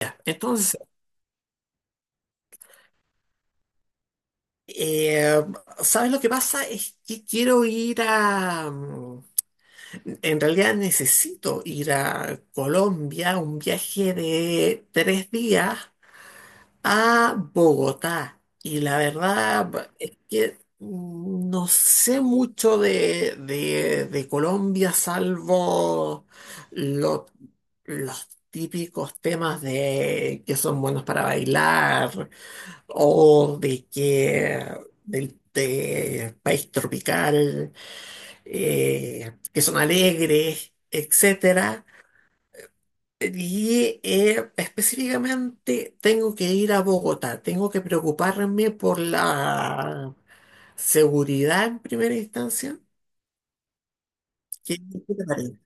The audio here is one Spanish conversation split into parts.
Ya, entonces, eh, ¿sabes lo que pasa? Es que quiero ir a... en realidad necesito ir a Colombia, un viaje de 3 días a Bogotá. Y la verdad es que no sé mucho de Colombia, salvo lo- los típicos temas de que son buenos para bailar o de que del de país tropical, que son alegres, etcétera. Y específicamente tengo que ir a Bogotá, tengo que preocuparme por la seguridad en primera instancia. ¿Qué, qué te parece?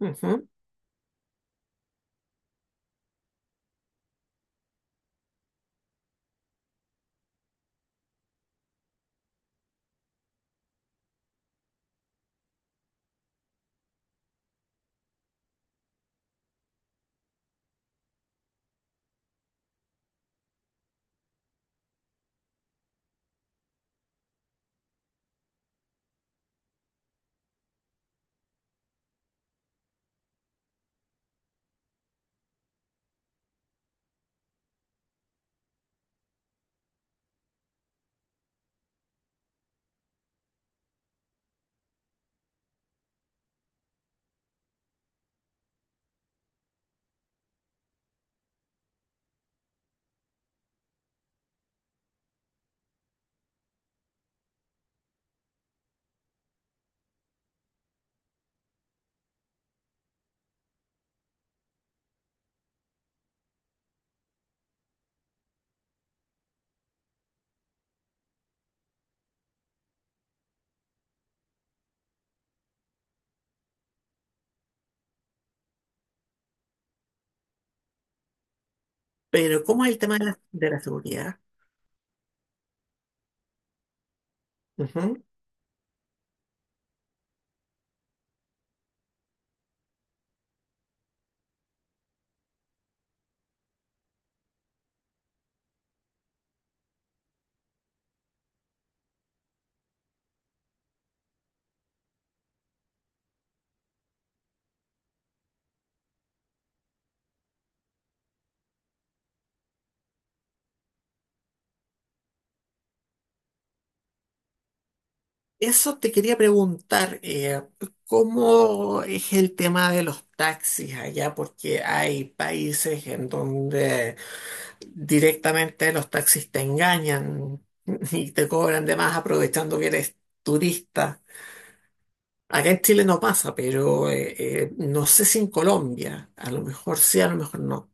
Ujú. Pero ¿cómo es el tema de la seguridad? Eso te quería preguntar, ¿cómo es el tema de los taxis allá? Porque hay países en donde directamente los taxis te engañan y te cobran de más aprovechando que eres turista. Acá en Chile no pasa, pero no sé si en Colombia, a lo mejor sí, a lo mejor no.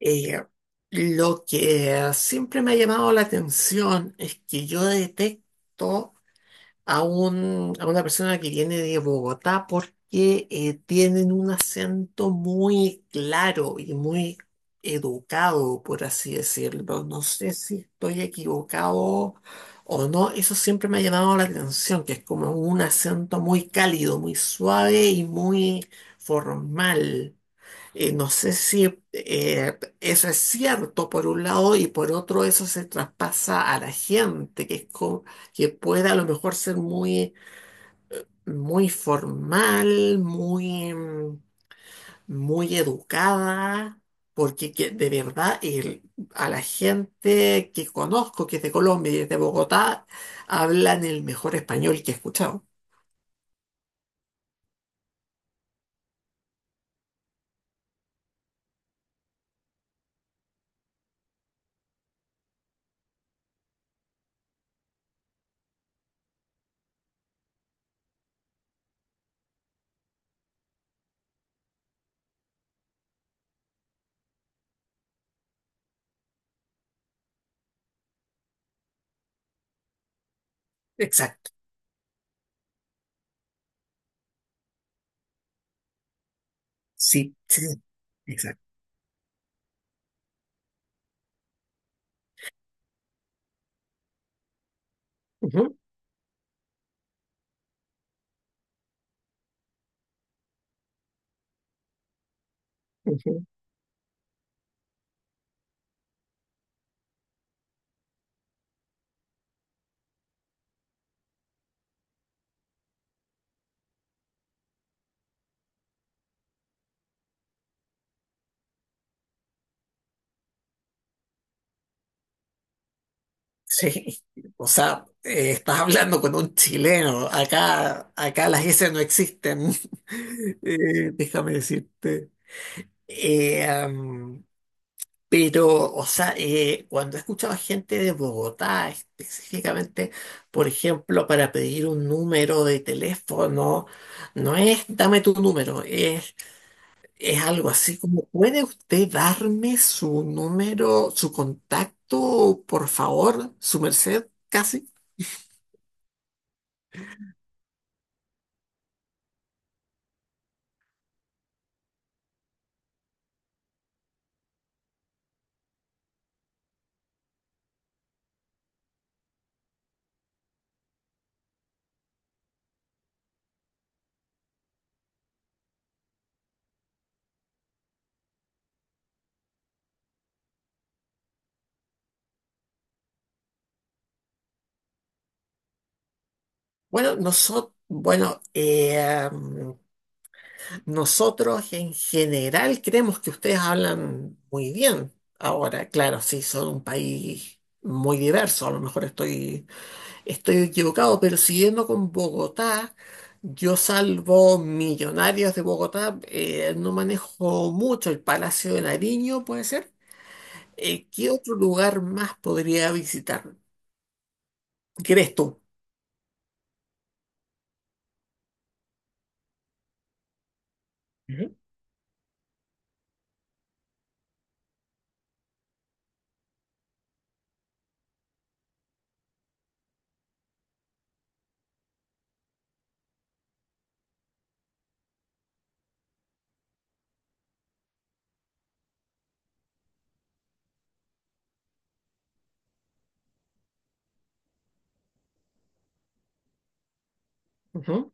Eh, lo que siempre me ha llamado la atención es que yo detecto a una persona que viene de Bogotá porque tienen un acento muy claro y muy educado, por así decirlo. No sé si estoy equivocado o no, eso siempre me ha llamado la atención, que es como un acento muy cálido, muy suave y muy formal. No sé si eso es cierto por un lado y por otro eso se traspasa a la gente, que es que puede a lo mejor ser muy, muy formal, muy educada, porque de verdad a la gente que conozco, que es de Colombia y es de Bogotá, hablan el mejor español que he escuchado. Exacto. Sí, sí, exacto. Ujú, ujú. Sí, o sea, estás hablando con un chileno. Acá, acá las S no existen. Déjame decirte. Eh, am, pero, o sea, cuando he escuchado a gente de Bogotá específicamente, por ejemplo, para pedir un número de teléfono, no es dame tu número, es algo así como, ¿puede usted darme su número, su contacto, por favor, su merced, casi? Bueno, nosotros, bueno, nosotros en general creemos que ustedes hablan muy bien. Ahora, claro, sí, son un país muy diverso. A lo mejor estoy, estoy equivocado, pero siguiendo con Bogotá, yo salvo Millonarios de Bogotá, no manejo mucho el Palacio de Nariño, puede ser. ¿Qué otro lugar más podría visitar? ¿Crees tú? Ujú. Ujú.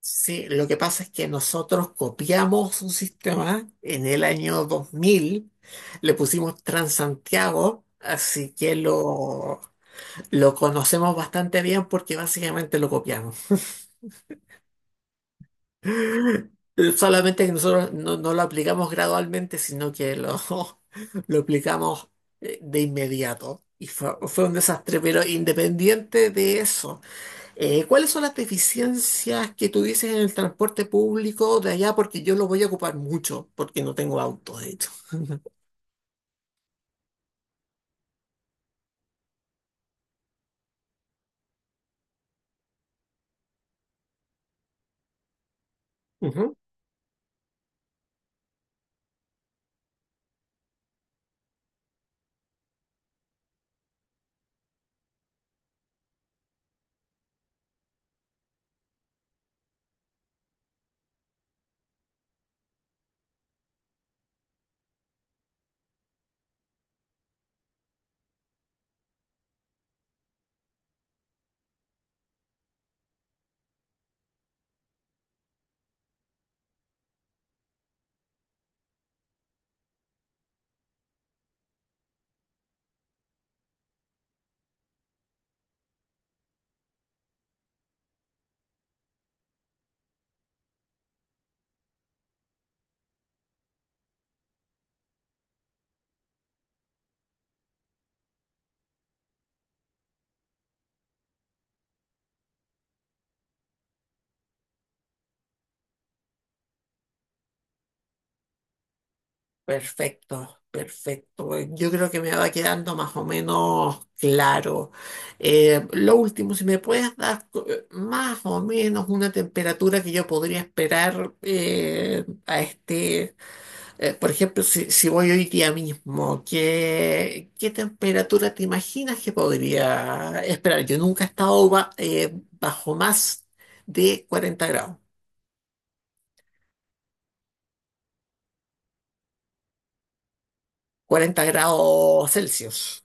Sí, lo que pasa es que nosotros copiamos un sistema en el año 2000, le pusimos Transantiago, así que lo conocemos bastante bien porque básicamente lo copiamos. Solamente que nosotros no, no lo aplicamos gradualmente, sino que lo, lo aplicamos de inmediato. Y fue, fue un desastre, pero independiente de eso. ¿Cuáles son las deficiencias que tú dices en el transporte público de allá? Porque yo lo voy a ocupar mucho, porque no tengo auto, de hecho. Ujú. Perfecto, perfecto. Yo creo que me va quedando más o menos claro. Lo último, si me puedes dar más o menos una temperatura que yo podría esperar a este por ejemplo, si voy hoy día mismo, ¿qué temperatura te imaginas que podría esperar? Yo nunca he estado bajo más de 40 grados, 40 grados Celsius.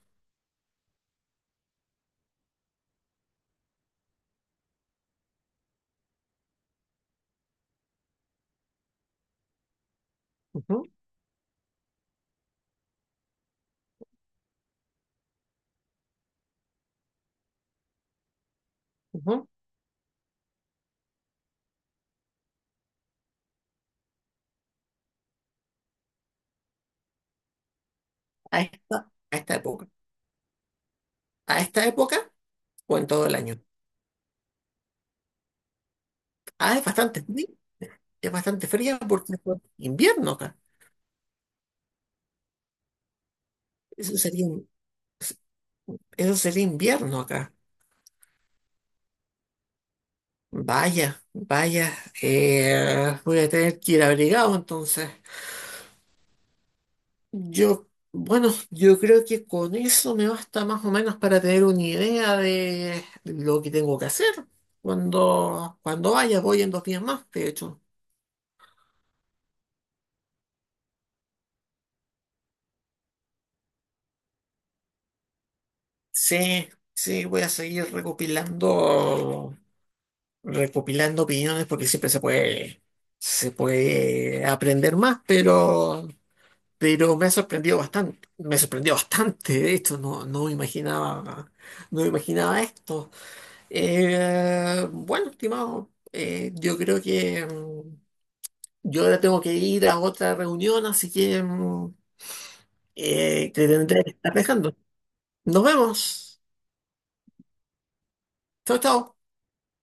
Ujú, ujú. A esta, a esta época. A esta época o en todo el año. Ah, es bastante fría porque es invierno acá. Eso sería, eso sería invierno acá. Vaya, vaya. Voy a tener que ir abrigado entonces. Yo, bueno, yo creo que con eso me basta más o menos para tener una idea de lo que tengo que hacer. Cuando, cuando vaya, voy en 2 días más, de hecho. Sí, sí, voy a seguir recopilando, recopilando opiniones porque siempre se puede aprender más, pero me ha sorprendido bastante. Me sorprendió bastante, de hecho, no, no imaginaba, no imaginaba esto. Bueno, estimado, yo creo que yo ahora tengo que ir a otra reunión, así que te tendré que estar dejando. Nos vemos. Chao, chao.